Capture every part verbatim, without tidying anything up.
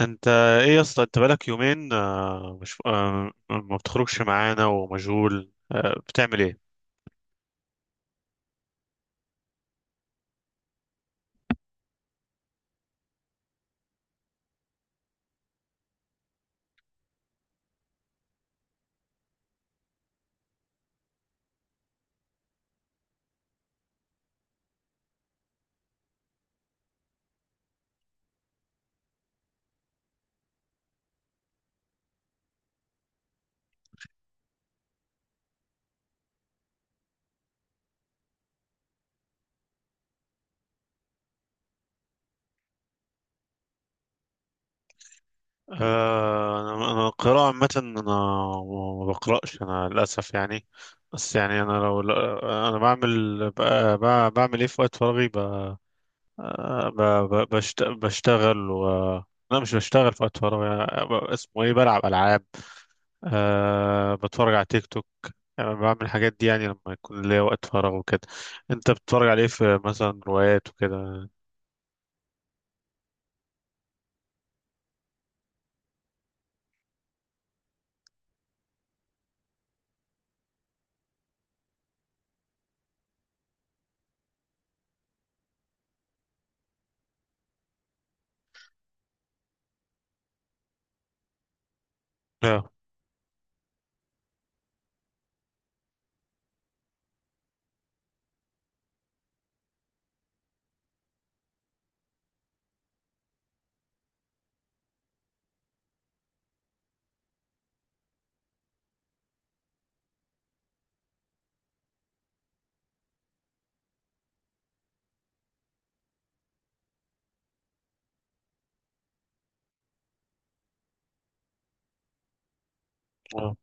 انت، ايه يا اسطى؟ انت بقالك يومين آه، مش آه، ما بتخرجش معانا ومشغول، آه، بتعمل ايه؟ آه، انا أنا القراءة عامة، انا ما بقرأش، انا للاسف يعني. بس يعني انا لو لا- انا بعمل ب- ب- بعمل ايه في وقت فراغي؟ ب- آه، ب- ب- بشت- بشتغل و لا، مش بشتغل في وقت فراغي. آه، ب- اسمه ايه، بلعب العاب. أه بتفرج على تيك توك. يعني أنا بعمل الحاجات دي يعني لما يكون ليا وقت فراغ وكده. انت بتتفرج على ايه، في مثلا روايات وكده؟ اه، اه،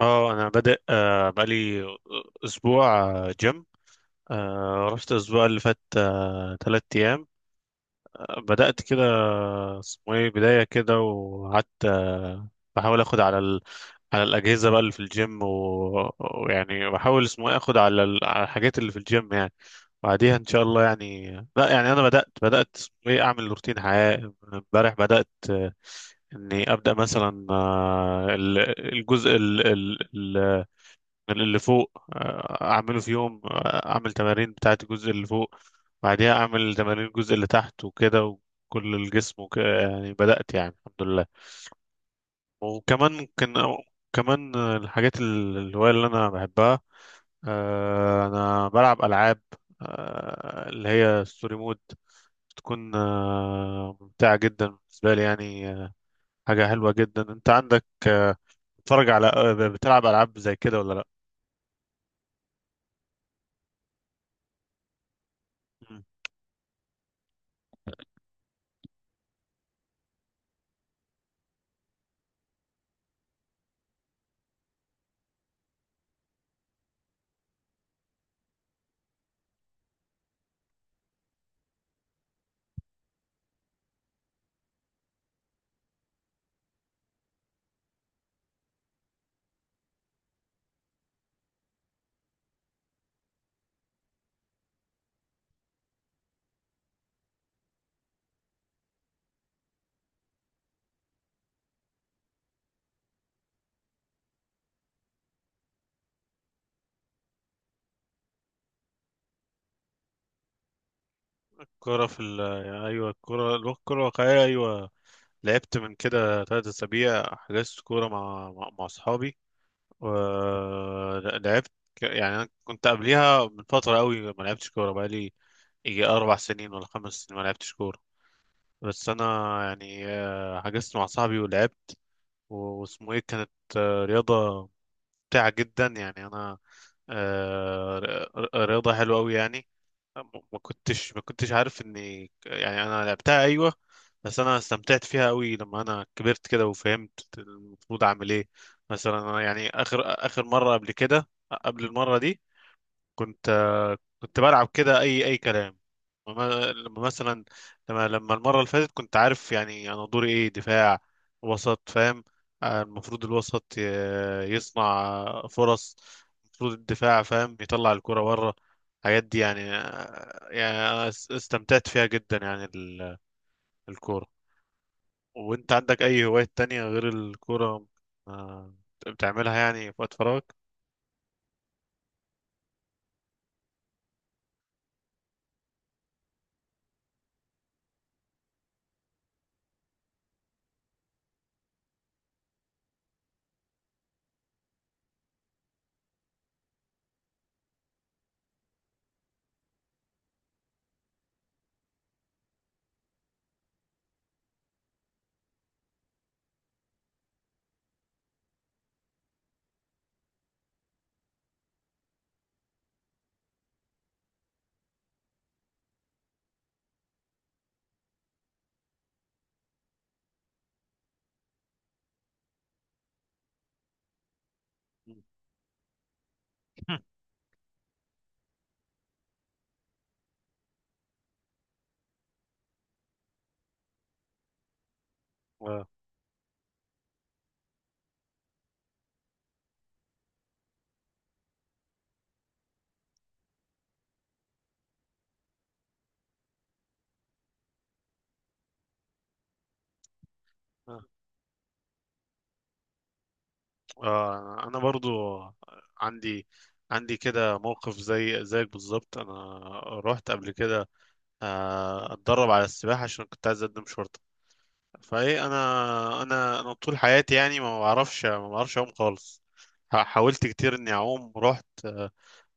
اه، انا بادئ آه، بقالي اسبوع آه، جيم. آه، رحت الاسبوع اللي فات آه، تلات ايام. آه، بدأت كده، آه، اسمه ايه، بداية كده، وقعدت آه، بحاول اخد على ال... على الأجهزة بقى اللي في الجيم و- ويعني بحاول، اسمه ايه، اخد على ال... على الحاجات اللي في الجيم يعني. بعديها ان شاء الله. يعني لا، يعني انا بدات بدات ايه، اعمل روتين حياه. امبارح بدات آه، اني ابدا مثلا آه، ال- الجزء ال- ال- ال- اللي فوق، آه، اعمله في يوم. آه، اعمل تمارين بتاعه الجزء اللي فوق، بعديها اعمل تمارين الجزء اللي تحت وكده، وكل الجسم وكده، يعني بدات يعني الحمد لله. وكمان ممكن كمان آه، الحاجات ال- الهوايه اللي انا بحبها، آه، انا بلعب العاب آه، اللي هي ستوري مود. بتكون آه، ممتعه جدا بالنسبه لي يعني. آه، حاجه حلوه جدا. انت عندك آه، بتتفرج على آه، بتلعب العاب زي كده ولا لا؟ مم. كرة في ال... يعني ايوه، الكرة الو- الكرة الواقعية، ايوه. لعبت من كده ثلاث اسابيع، حجزت كورة مع مع, مع اصحابي ولعبت. ك- يعني انا كنت قبليها من فترة قوي ما لعبتش كورة، بقالي يجي اربع سنين ولا خمس سنين ما لعبتش كورة. بس انا يعني آه، حجزت مع صاحبي ولعبت، و- واسمه ايه، كانت آه، رياضة ممتعة جدا يعني. انا آه، ر- ر- رياضة حلوة أوي يعني. م- ما كنتش ما كنتش عارف اني، يعني انا لعبتها ايوه. بس انا استمتعت فيها أوي لما انا كبرت كده وفهمت المفروض اعمل ايه. مثلا انا يعني، اخر اخر مرة قبل كده، قبل المرة دي، كنت كنت بلعب كده اي اي كلام. وما- لما مثلا، لما لما المره اللي فاتت كنت عارف يعني انا دوري ايه، دفاع وسط، فاهم. آه، المفروض الوسط ي- يصنع فرص، المفروض الدفاع فاهم يطلع الكرة بره. الحاجات دي يعني آه، يعني انا اس- استمتعت فيها جدا يعني ال- الكوره. وانت عندك اي هوايات تانية غير الكوره آه، بتعملها يعني في وقت فراغك؟ آه. آه، انا برضو عندي عندي كده موقف زي زيك بالظبط. انا رحت قبل كده، آه، اتدرب على السباحه عشان كنت عايز اقدم شرطه. فايه، انا انا انا طول حياتي يعني ما بعرفش ما بعرفش اعوم خالص. ح- حاولت كتير اني اعوم، رحت آه،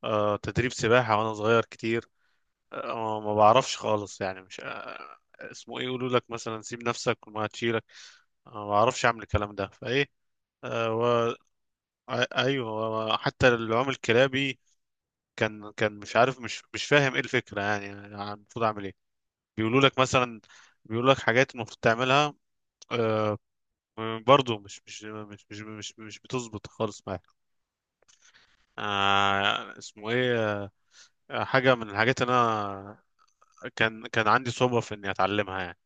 آه، تدريب سباحه وانا صغير كتير. آه، ما بعرفش خالص يعني، مش آه، اسمه ايه، يقولوا لك مثلا سيب نفسك وما هتشيلك. أنا ما بعرفش اعمل الكلام ده، فايه أ- ايوه، هو حتى العم الكلابي كان كان مش عارف، مش مش فاهم ايه الفكره يعني يعني المفروض اعمل ايه. بيقولوا لك مثلا، بيقولوا لك حاجات المفروض تعملها. آه برضه مش مش مش مش مش, مش بتظبط خالص معايا. آه اسمه ايه، آه، حاجه من الحاجات اللي انا كان كان عندي صعوبه في اني اتعلمها يعني.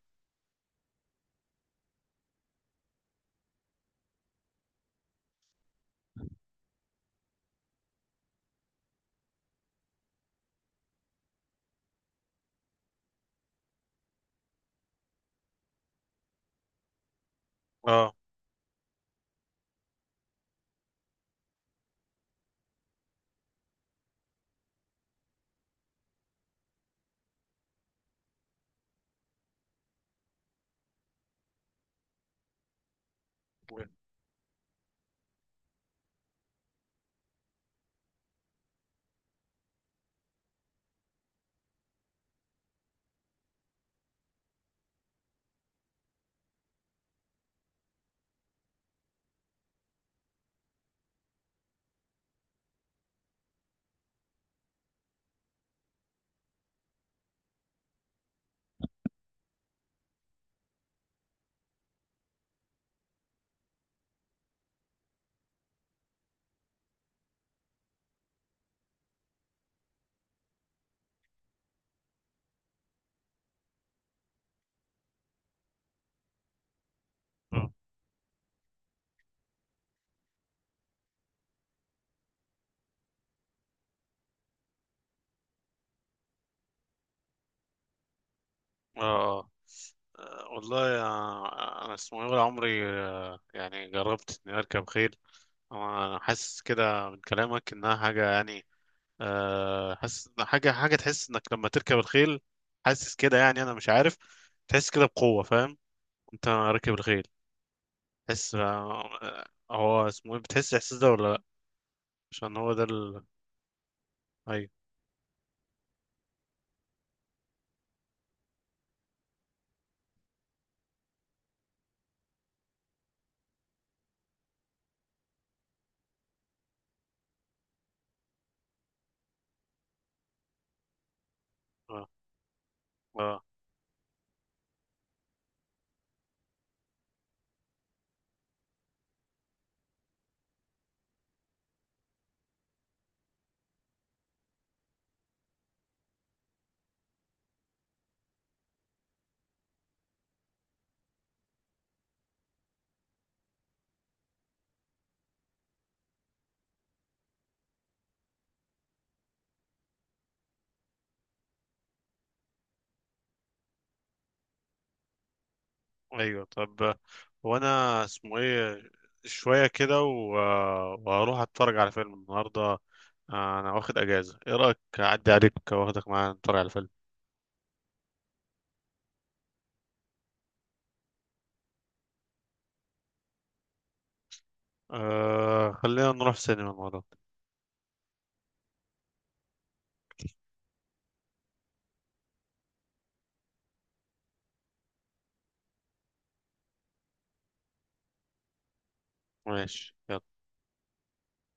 اه. و- اه اه آه، والله آه، انا اسمه ايه، ولا عمري آه، يعني جربت اني اركب خيل. انا حاسس كده من كلامك انها حاجه يعني، أه حاسس إن حاجه حاجه تحس انك لما تركب الخيل، حاسس كده يعني، انا مش عارف. تحس كده بقوه، فاهم؟ انت راكب الخيل تحس آه، آه، هو اسمه ايه، بتحس الاحساس ده ولا لا؟ عشان هو ده ال... ايوه، اه، اه، ايوه طب. آه، هو انا، اسمه ايه، شويه كده و... آه، وهروح اتفرج على فيلم النهارده. آه، انا واخد اجازه. ايه رايك اعدي عليك واخدك معايا نتفرج على فيلم؟ آه خلينا نروح سينما المرة دي. ماشي، يلا.